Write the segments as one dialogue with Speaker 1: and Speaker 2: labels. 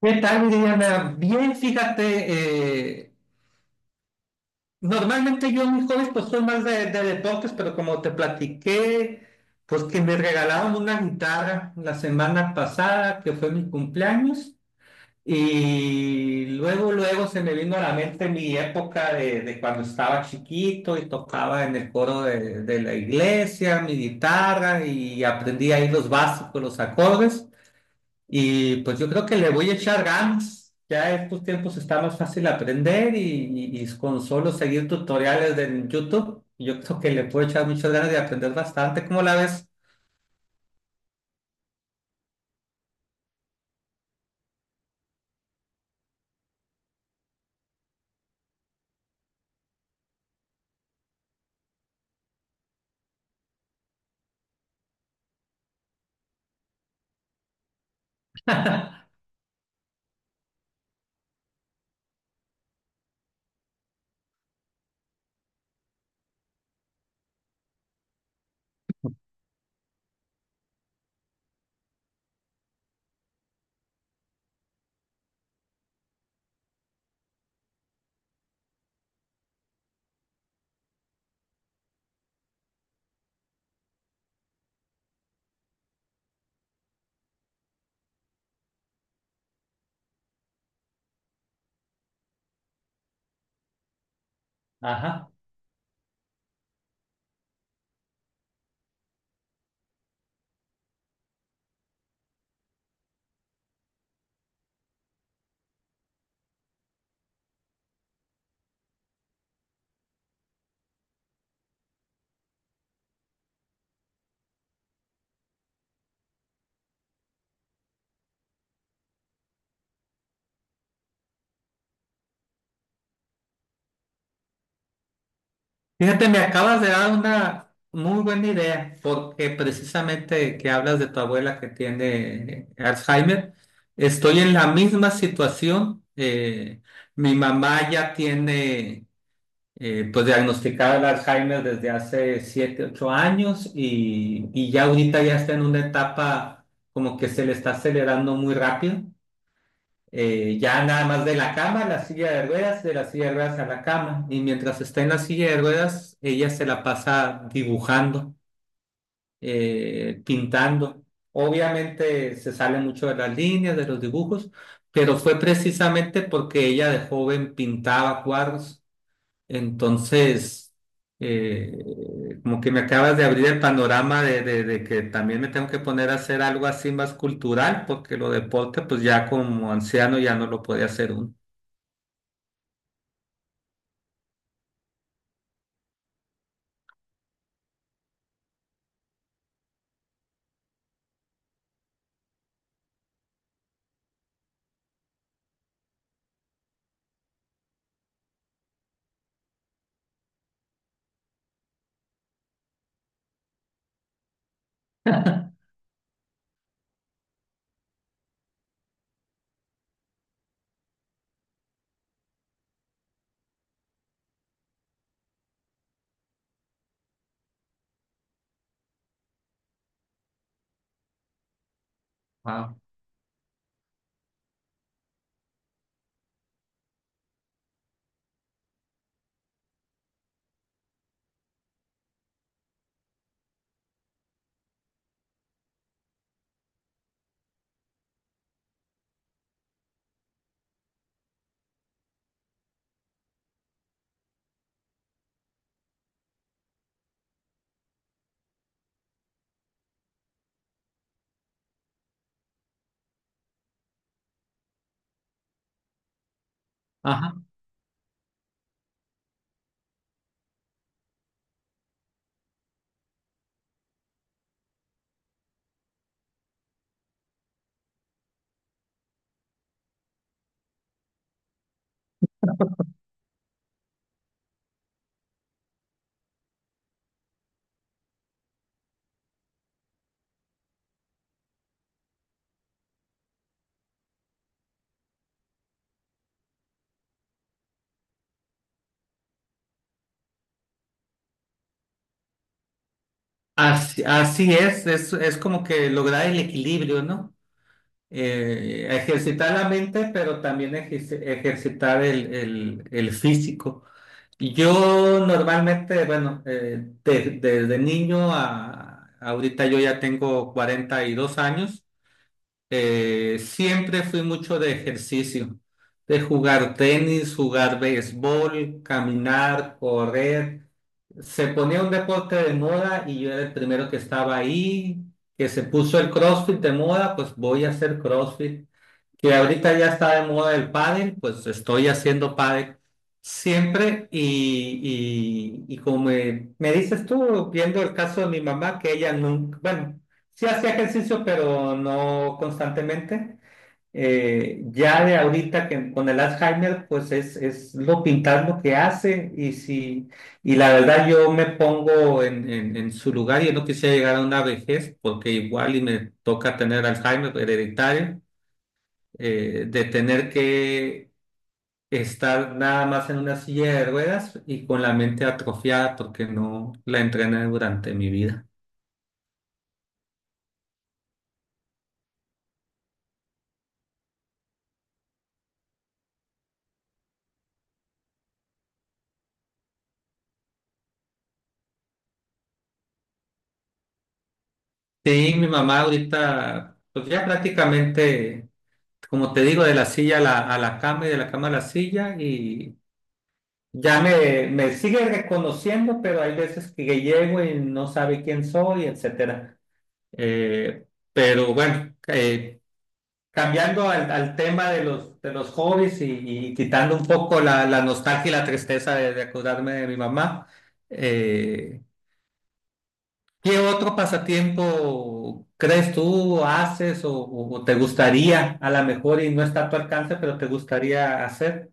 Speaker 1: ¿Qué tal, Diana? Bien, fíjate, normalmente yo en mis hobbies pues soy más de deportes, pero como te platiqué, pues que me regalaron una guitarra la semana pasada, que fue mi cumpleaños, y luego, luego se me vino a la mente mi época de cuando estaba chiquito y tocaba en el coro de la iglesia, mi guitarra, y aprendí ahí los básicos, los acordes. Y pues yo creo que le voy a echar ganas. Ya estos tiempos está más fácil aprender y con solo seguir tutoriales de YouTube, yo creo que le puedo echar muchas ganas de aprender bastante. ¿Cómo la ves? Ajá. Fíjate, me acabas de dar una muy buena idea, porque precisamente que hablas de tu abuela que tiene Alzheimer, estoy en la misma situación. Mi mamá ya tiene. Pues diagnosticada el Alzheimer desde hace 7 8 años y ya ahorita ya está en una etapa como que se le está acelerando muy rápido. Ya nada más de la cama a la silla de ruedas, de la silla de ruedas a la cama. Y mientras está en la silla de ruedas, ella se la pasa dibujando, pintando. Obviamente se sale mucho de las líneas, de los dibujos, pero fue precisamente porque ella de joven pintaba cuadros. Entonces, eh, como que me acabas de abrir el panorama de, de que también me tengo que poner a hacer algo así más cultural, porque lo deporte, pues ya como anciano ya no lo podía hacer uno. Wow. Ajá. Así es, es como que lograr el equilibrio, ¿no? Ejercitar la mente, pero también ejercitar el físico. Yo normalmente, bueno, desde niño a ahorita yo ya tengo 42 años, siempre fui mucho de ejercicio, de jugar tenis, jugar béisbol, caminar, correr. Se ponía un deporte de moda y yo era el primero que estaba ahí, que se puso el CrossFit de moda, pues voy a hacer CrossFit, que ahorita ya está de moda el pádel, pues estoy haciendo pádel siempre y como me dices tú, viendo el caso de mi mamá, que ella nunca, bueno, sí hacía ejercicio, pero no constantemente. Ya de ahorita que con el Alzheimer, pues es, lo pintar lo que hace. Y si, y la verdad yo me pongo en su lugar y no quisiera llegar a una vejez porque igual y me toca tener Alzheimer hereditario, de tener que estar nada más en una silla de ruedas y con la mente atrofiada porque no la entrené durante mi vida. Sí, mi mamá ahorita, pues ya prácticamente, como te digo, de la silla a la cama y de la cama a la silla y ya me sigue reconociendo, pero hay veces que llego y no sabe quién soy, etcétera. Eh, pero bueno, cambiando al tema de los hobbies y quitando un poco la nostalgia y la tristeza de acordarme de mi mamá, eh, ¿qué otro pasatiempo crees tú haces o te gustaría, a lo mejor y no está a tu alcance, pero te gustaría hacer?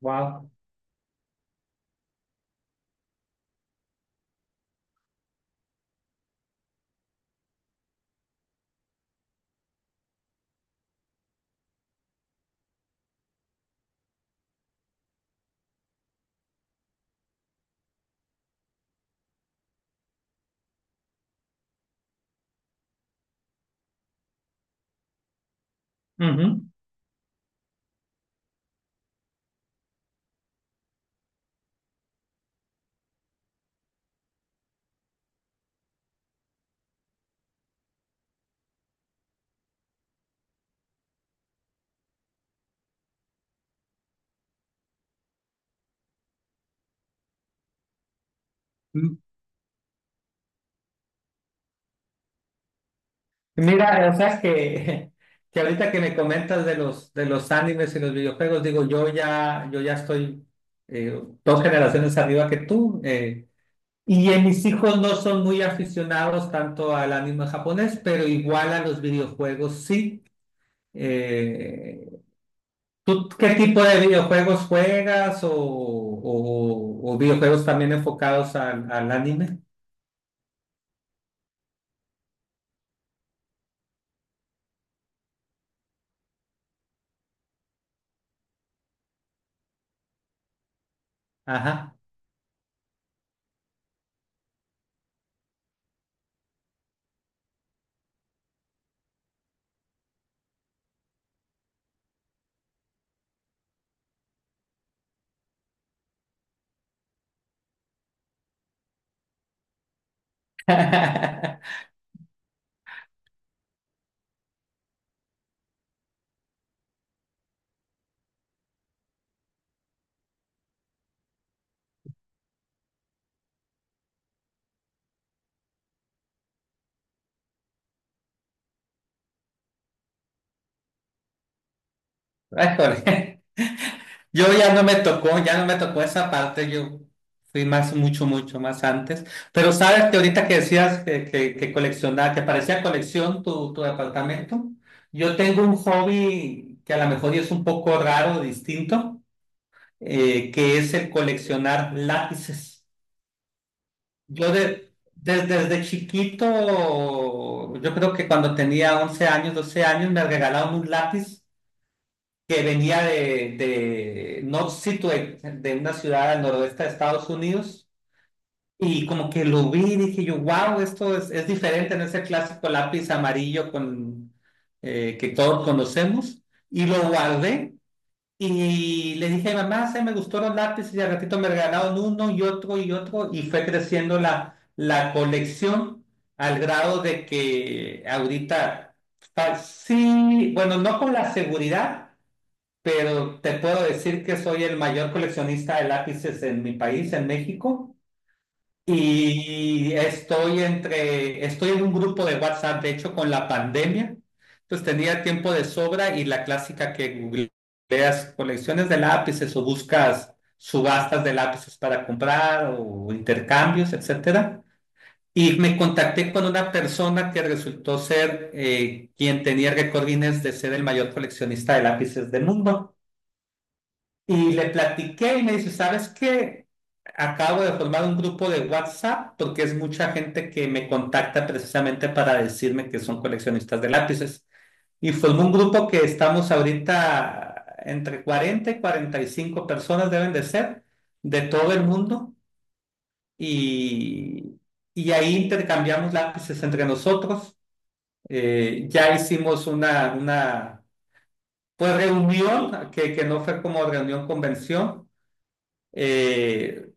Speaker 1: Wow. Ujú. M- Mira, o sea que ahorita que me comentas de los animes y los videojuegos, digo, yo ya estoy dos generaciones arriba que tú. Y mis hijos no son muy aficionados tanto al anime japonés, pero igual a los videojuegos sí. Eh, ¿Tú qué tipo de videojuegos juegas o videojuegos también enfocados al anime? Ajá. Ay, joder. Yo ya no me tocó, ya no me tocó esa parte, yo fui más, mucho, mucho más antes. Pero sabes que ahorita que decías que coleccionaba, que parecía colección tu departamento, yo tengo un hobby que a lo mejor es un poco raro, distinto, que es el coleccionar lápices. Yo de, desde chiquito, yo creo que cuando tenía 11 años, 12 años, me regalaron un lápiz que venía de North Situate, de una ciudad al noroeste de Estados Unidos, y como que lo vi y dije yo, wow, esto es diferente en ese clásico lápiz amarillo con, que todos conocemos, y lo guardé. Y le dije, mamá, se me gustó los lápices y al ratito me regalaron uno y otro y otro y fue creciendo la colección al grado de que ahorita, sí, bueno, no con la seguridad, pero te puedo decir que soy el mayor coleccionista de lápices en mi país, en México, y estoy en un grupo de WhatsApp, de hecho, con la pandemia, pues tenía tiempo de sobra y la clásica que googleas colecciones de lápices o buscas subastas de lápices para comprar o intercambios, etcétera. Y me contacté con una persona que resultó ser quien tenía récord Guinness de ser el mayor coleccionista de lápices del mundo. Y le platiqué y me dice, ¿sabes qué? Acabo de formar un grupo de WhatsApp porque es mucha gente que me contacta precisamente para decirme que son coleccionistas de lápices. Y formé un grupo que estamos ahorita entre 40 y 45 personas deben de ser de todo el mundo y, y ahí intercambiamos lápices entre nosotros. Ya hicimos una pues, reunión que no fue como reunión convención. Eh,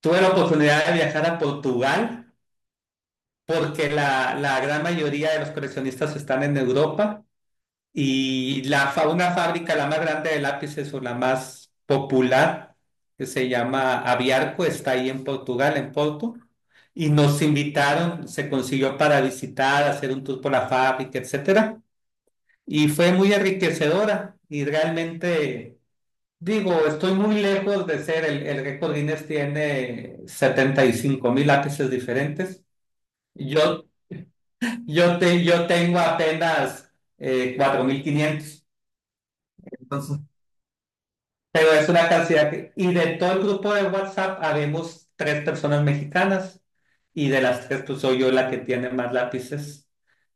Speaker 1: Tuve la oportunidad de viajar a Portugal porque la gran mayoría de los coleccionistas están en Europa y una fábrica, la más grande de lápices o la más popular, que se llama Aviarco, está ahí en Portugal, en Porto, y nos invitaron, se consiguió para visitar, hacer un tour por la fábrica, etcétera, y fue muy enriquecedora y realmente, digo, estoy muy lejos de ser el récord Guinness tiene 75,000 lápices diferentes. Yo, yo tengo apenas 4,500. Entonces, pero es una cantidad que... Y de todo el grupo de WhatsApp habemos tres personas mexicanas y de las tres pues soy yo la que tiene más lápices.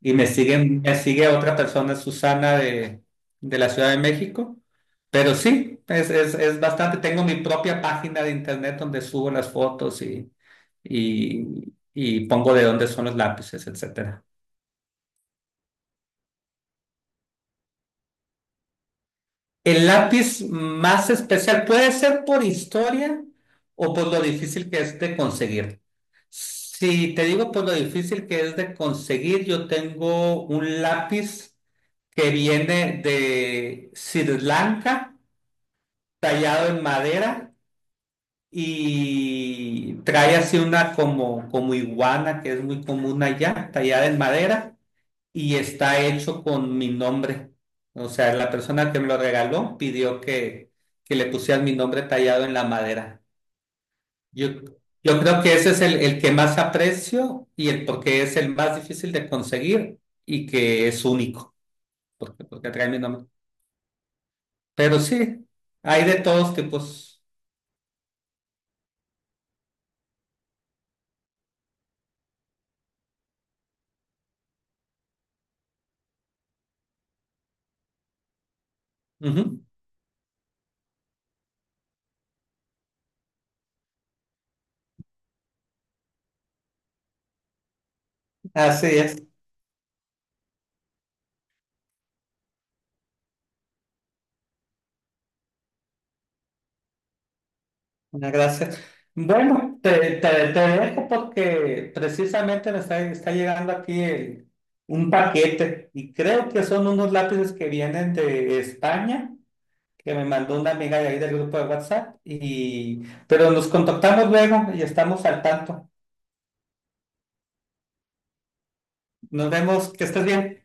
Speaker 1: Y me sigue otra persona, Susana, de la Ciudad de México. Pero sí, es bastante. Tengo mi propia página de internet donde subo las fotos y pongo de dónde son los lápices, etcétera. El lápiz más especial puede ser por historia o por lo difícil que es de conseguir. Si te digo por lo difícil que es de conseguir, yo tengo un lápiz que viene de Sri Lanka, tallado en madera y trae así una como iguana que es muy común allá, tallada en madera y está hecho con mi nombre. O sea, la persona que me lo regaló pidió que le pusieran mi nombre tallado en la madera. Yo, yo creo que ese es el que más aprecio y el porque es el más difícil de conseguir y que es único, porque trae mi nombre. Pero sí, hay de todos tipos. Ujú, así es, muchas gracias. Bueno, te, te dejo porque precisamente está llegando aquí un paquete y creo que son unos lápices que vienen de España, que me mandó una amiga de ahí del grupo de WhatsApp y pero nos contactamos luego y estamos al tanto. Nos vemos, que estés bien.